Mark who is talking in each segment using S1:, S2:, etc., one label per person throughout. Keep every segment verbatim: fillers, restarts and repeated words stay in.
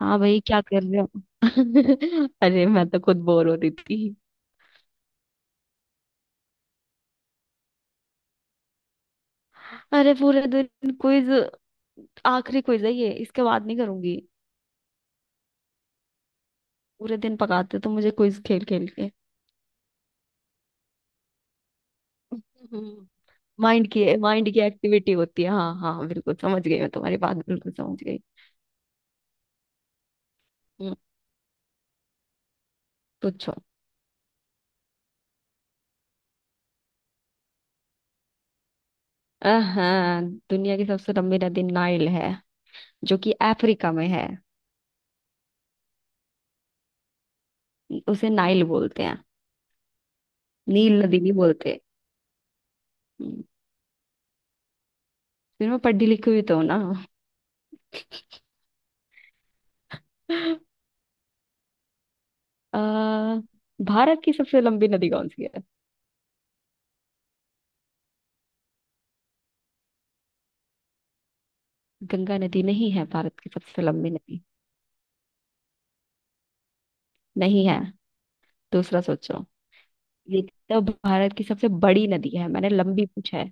S1: हाँ भाई, क्या कर रहे हो। अरे, मैं तो खुद बोर हो रही थी। अरे, पूरे दिन क्विज। आखिरी क्विज है ये, इसके बाद नहीं करूंगी। पूरे दिन पकाते तो मुझे क्विज खेल खेल के। हम्म। माइंड की माइंड की एक्टिविटी होती है। हाँ हाँ, बिल्कुल समझ गई, मैं तुम्हारी बात बिल्कुल समझ गई। हम्म। पूछो। हाँ, दुनिया की सबसे लंबी नदी नाइल है, जो कि अफ्रीका में है। उसे नाइल बोलते हैं। नील नदी नहीं बोलते। हम्म, फिर मैं पढ़ी लिखी हुई तो हूँ ना। अ, भारत की सबसे लंबी नदी कौन सी है? गंगा नदी नहीं है भारत की सबसे लंबी नदी। नहीं है। दूसरा सोचो। ये तो भारत की सबसे बड़ी नदी है, मैंने लंबी पूछा है।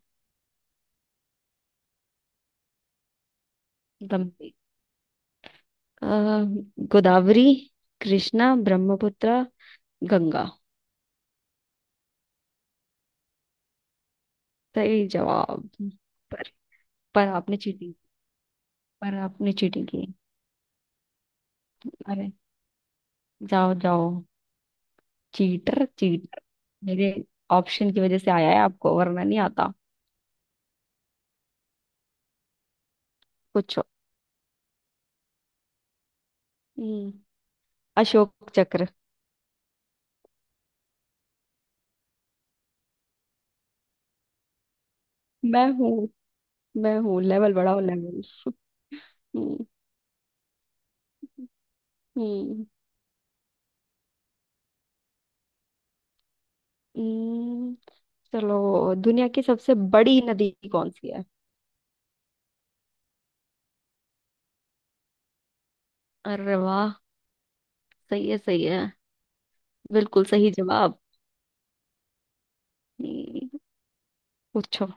S1: लंबी। अ, गोदावरी, कृष्णा, ब्रह्मपुत्र, गंगा। सही जवाब। पर पर आपने चीटिंग, पर आपने चीटिंग की। अरे, जाओ जाओ, चीटर चीटर। मेरे ऑप्शन की वजह से आया है आपको, वरना नहीं आता। पूछो। हम्म, अशोक चक्र। मैं हूँ, मैं हूँ, लेवल बढ़ाओ, लेवल। हम्म। हम्म। हम्म, चलो, दुनिया की सबसे बड़ी नदी कौन सी है? अरे वाह, सही है सही है। बिल्कुल सही जवाब। हम्म, पूछो।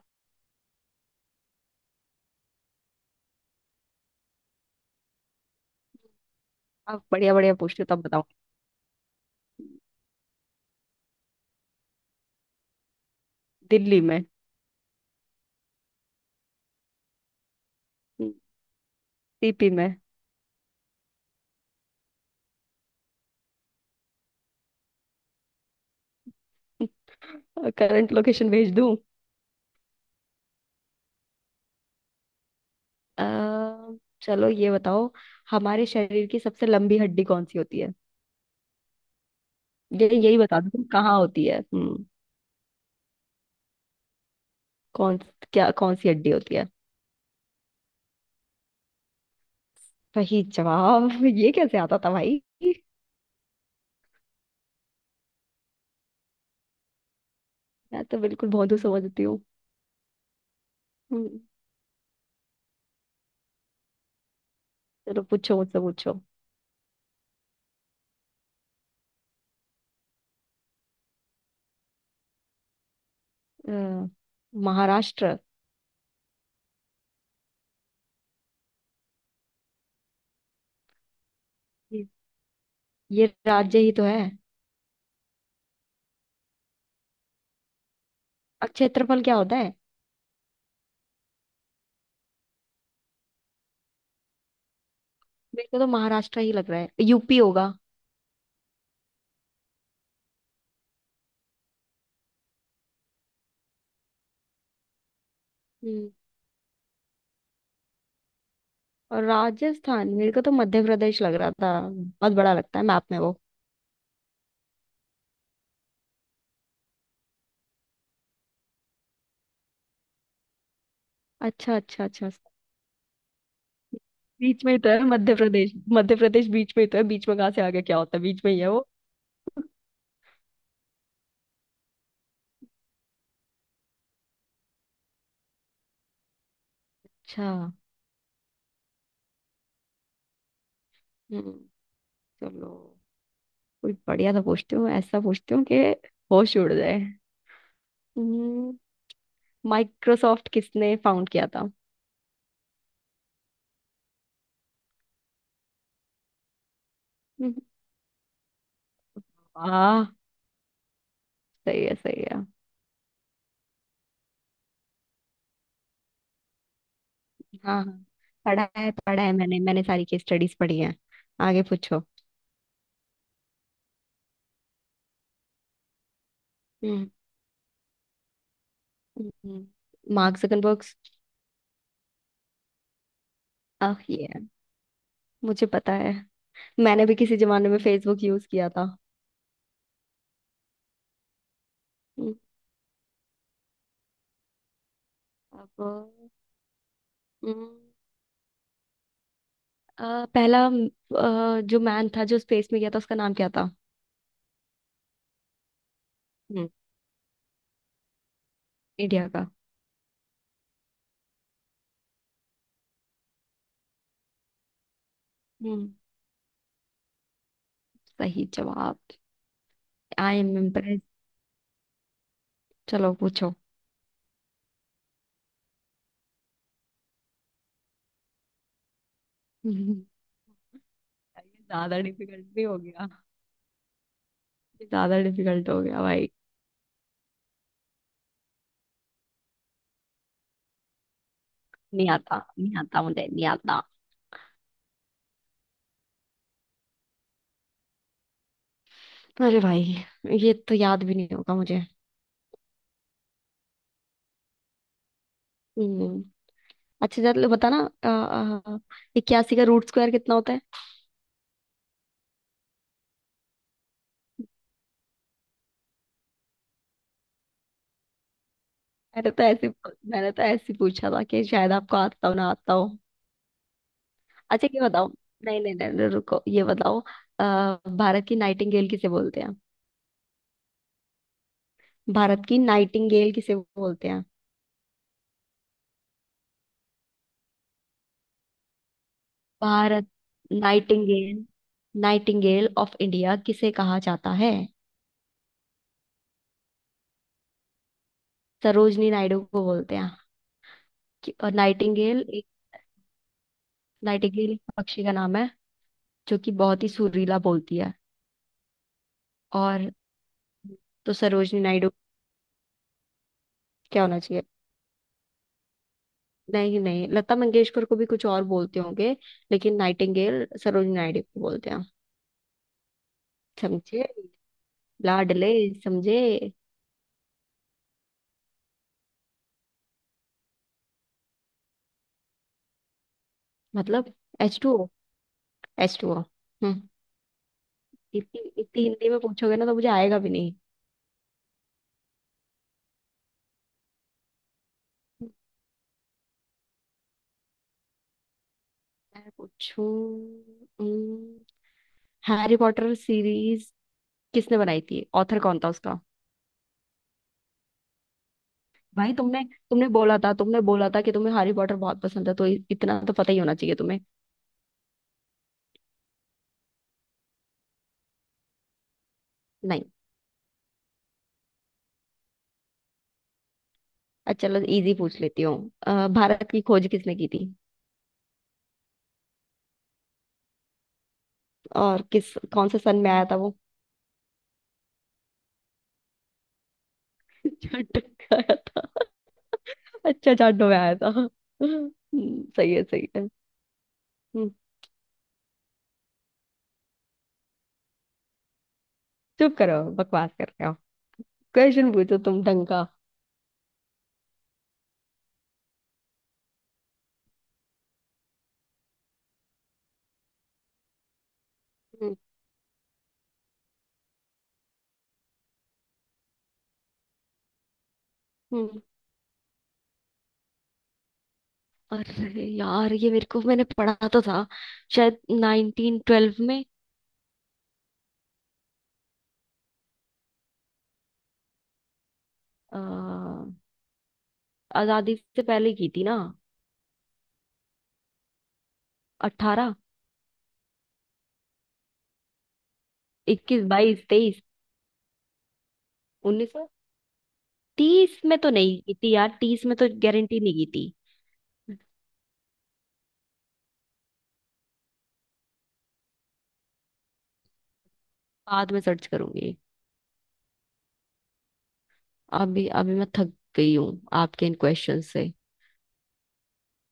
S1: आप बढ़िया बढ़िया पूछते हो तब बताओ। दिल्ली में, सीपी में। करंट लोकेशन भेज दूं? अ, चलो, ये बताओ। हमारे शरीर की सबसे लंबी हड्डी कौन सी होती है? ये यही बता दो तुम, कहाँ होती है। हम्म। कौन? क्या कौन सी हड्डी होती है? सही जवाब। ये कैसे आता था भाई? मैं तो बिल्कुल बहुत समझती हूँ। हम्म, चलो पूछो, मुझसे पूछो। अ, महाराष्ट्र। ये ये राज्य ही तो है। और क्षेत्रफल क्या होता है? मेरे को तो महाराष्ट्र ही लग रहा है, यूपी होगा। हम्म। और राजस्थान, मेरे को तो मध्य प्रदेश लग रहा था, बहुत बड़ा लगता है मैप में वो। अच्छा, अच्छा, अच्छा। बीच में ही तो है मध्य प्रदेश, मध्य प्रदेश बीच में ही तो है, बीच में कहाँ से आगे? क्या होता है, बीच में ही है वो। अच्छा। हम्म। चलो, कोई बढ़िया सा पूछती हूँ, ऐसा पूछती हूँ कि होश उड़ जाए। हम्म, माइक्रोसॉफ्ट किसने फाउंड किया था? हम्म, वाह, सही है सही है। हाँ हाँ, पढ़ा है पढ़ा है, मैंने मैंने सारी केस स्टडीज पढ़ी है। आगे पूछो। हम्म, मार्क जकरबर्ग। आह, ये है, मुझे पता है। मैंने भी किसी जमाने में फेसबुक यूज किया था। हम्म, अब। हम्म, अ, पहला अ, जो मैन था जो स्पेस में गया था उसका नाम क्या था? हम्म, इंडिया का। हम्म, सही जवाब। I am impress. चलो, पूछो। हम्म, ये ज्यादा डिफिकल्ट भी हो गया, ये ज्यादा डिफिकल्ट हो गया भाई। नहीं आता, नहीं आता, मुझे नहीं आता। अरे भाई, ये तो याद भी नहीं होगा मुझे। हम्म। अच्छा चलो, बताना। इक्यासी का रूट स्क्वायर कितना होता है? मैंने तो ऐसे मैंने तो ऐसे ही पूछा था कि शायद आपको आता हो ना आता हो। अच्छा, ये बताओ। नहीं नहीं नहीं, नहीं रुको, ये बताओ। अ, भारत की नाइटिंगेल किसे बोलते हैं? भारत की नाइटिंगेल किसे बोलते हैं? Bharat nightingale nightingale of India किसे कहा जाता है? सरोजनी नायडू को बोलते हैं। कि- और नाइटिंगेल एक, नाइटिंगेल एक पक्षी का नाम है, जो कि बहुत ही सुरीला बोलती है। और, तो सरोजनी नायडू। क्या होना चाहिए? नहीं नहीं, लता मंगेशकर को भी कुछ और बोलते होंगे, लेकिन नाइटिंगेल सरोजनी नायडू को बोलते हैं। समझे, लाडले? समझे? मतलब, H two O, H two O. हम्म। इतनी इतनी हिंदी में पूछोगे ना तो मुझे आएगा भी नहीं। मैं पूछूं? हैरी पॉटर सीरीज किसने बनाई थी, ऑथर कौन था उसका? भाई तुमने तुमने बोला था, तुमने बोला था कि तुम्हें हैरी पॉटर बहुत पसंद है, तो इ- इतना तो पता ही होना चाहिए तुम्हें। नहीं। अच्छा चलो, इजी पूछ लेती हूँ। अ, भारत की खोज किसने की थी? और किस कौन से सन में आया था वो? जाट में आया था? अच्छा, जाटों में आया था। हम्म, सही है सही है। हम्म, चुप करो, बकवास कर रहे हो। क्वेश्चन पूछो तुम ढंग का। हम्म। अरे यार, ये मेरे को, मैंने पढ़ा तो था, शायद नाइनटीन ट्वेल्व में। अ, आजादी से पहले की थी ना। अठारह, इक्कीस, बाईस, तेईस। उन्नीस तीस में तो नहीं की थी यार, तीस में तो गारंटी नहीं की थी। बाद में सर्च करूंगी। अभी अभी मैं थक गई हूँ आपके इन क्वेश्चन से।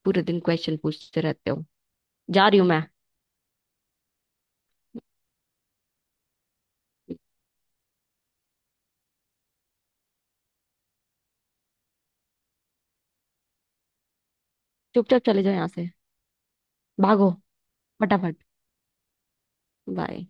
S1: पूरे दिन क्वेश्चन पूछते रहते हो। जा रही हूँ मैं। चुपचाप चले जाओ यहाँ से। भागो फटाफट। बाय।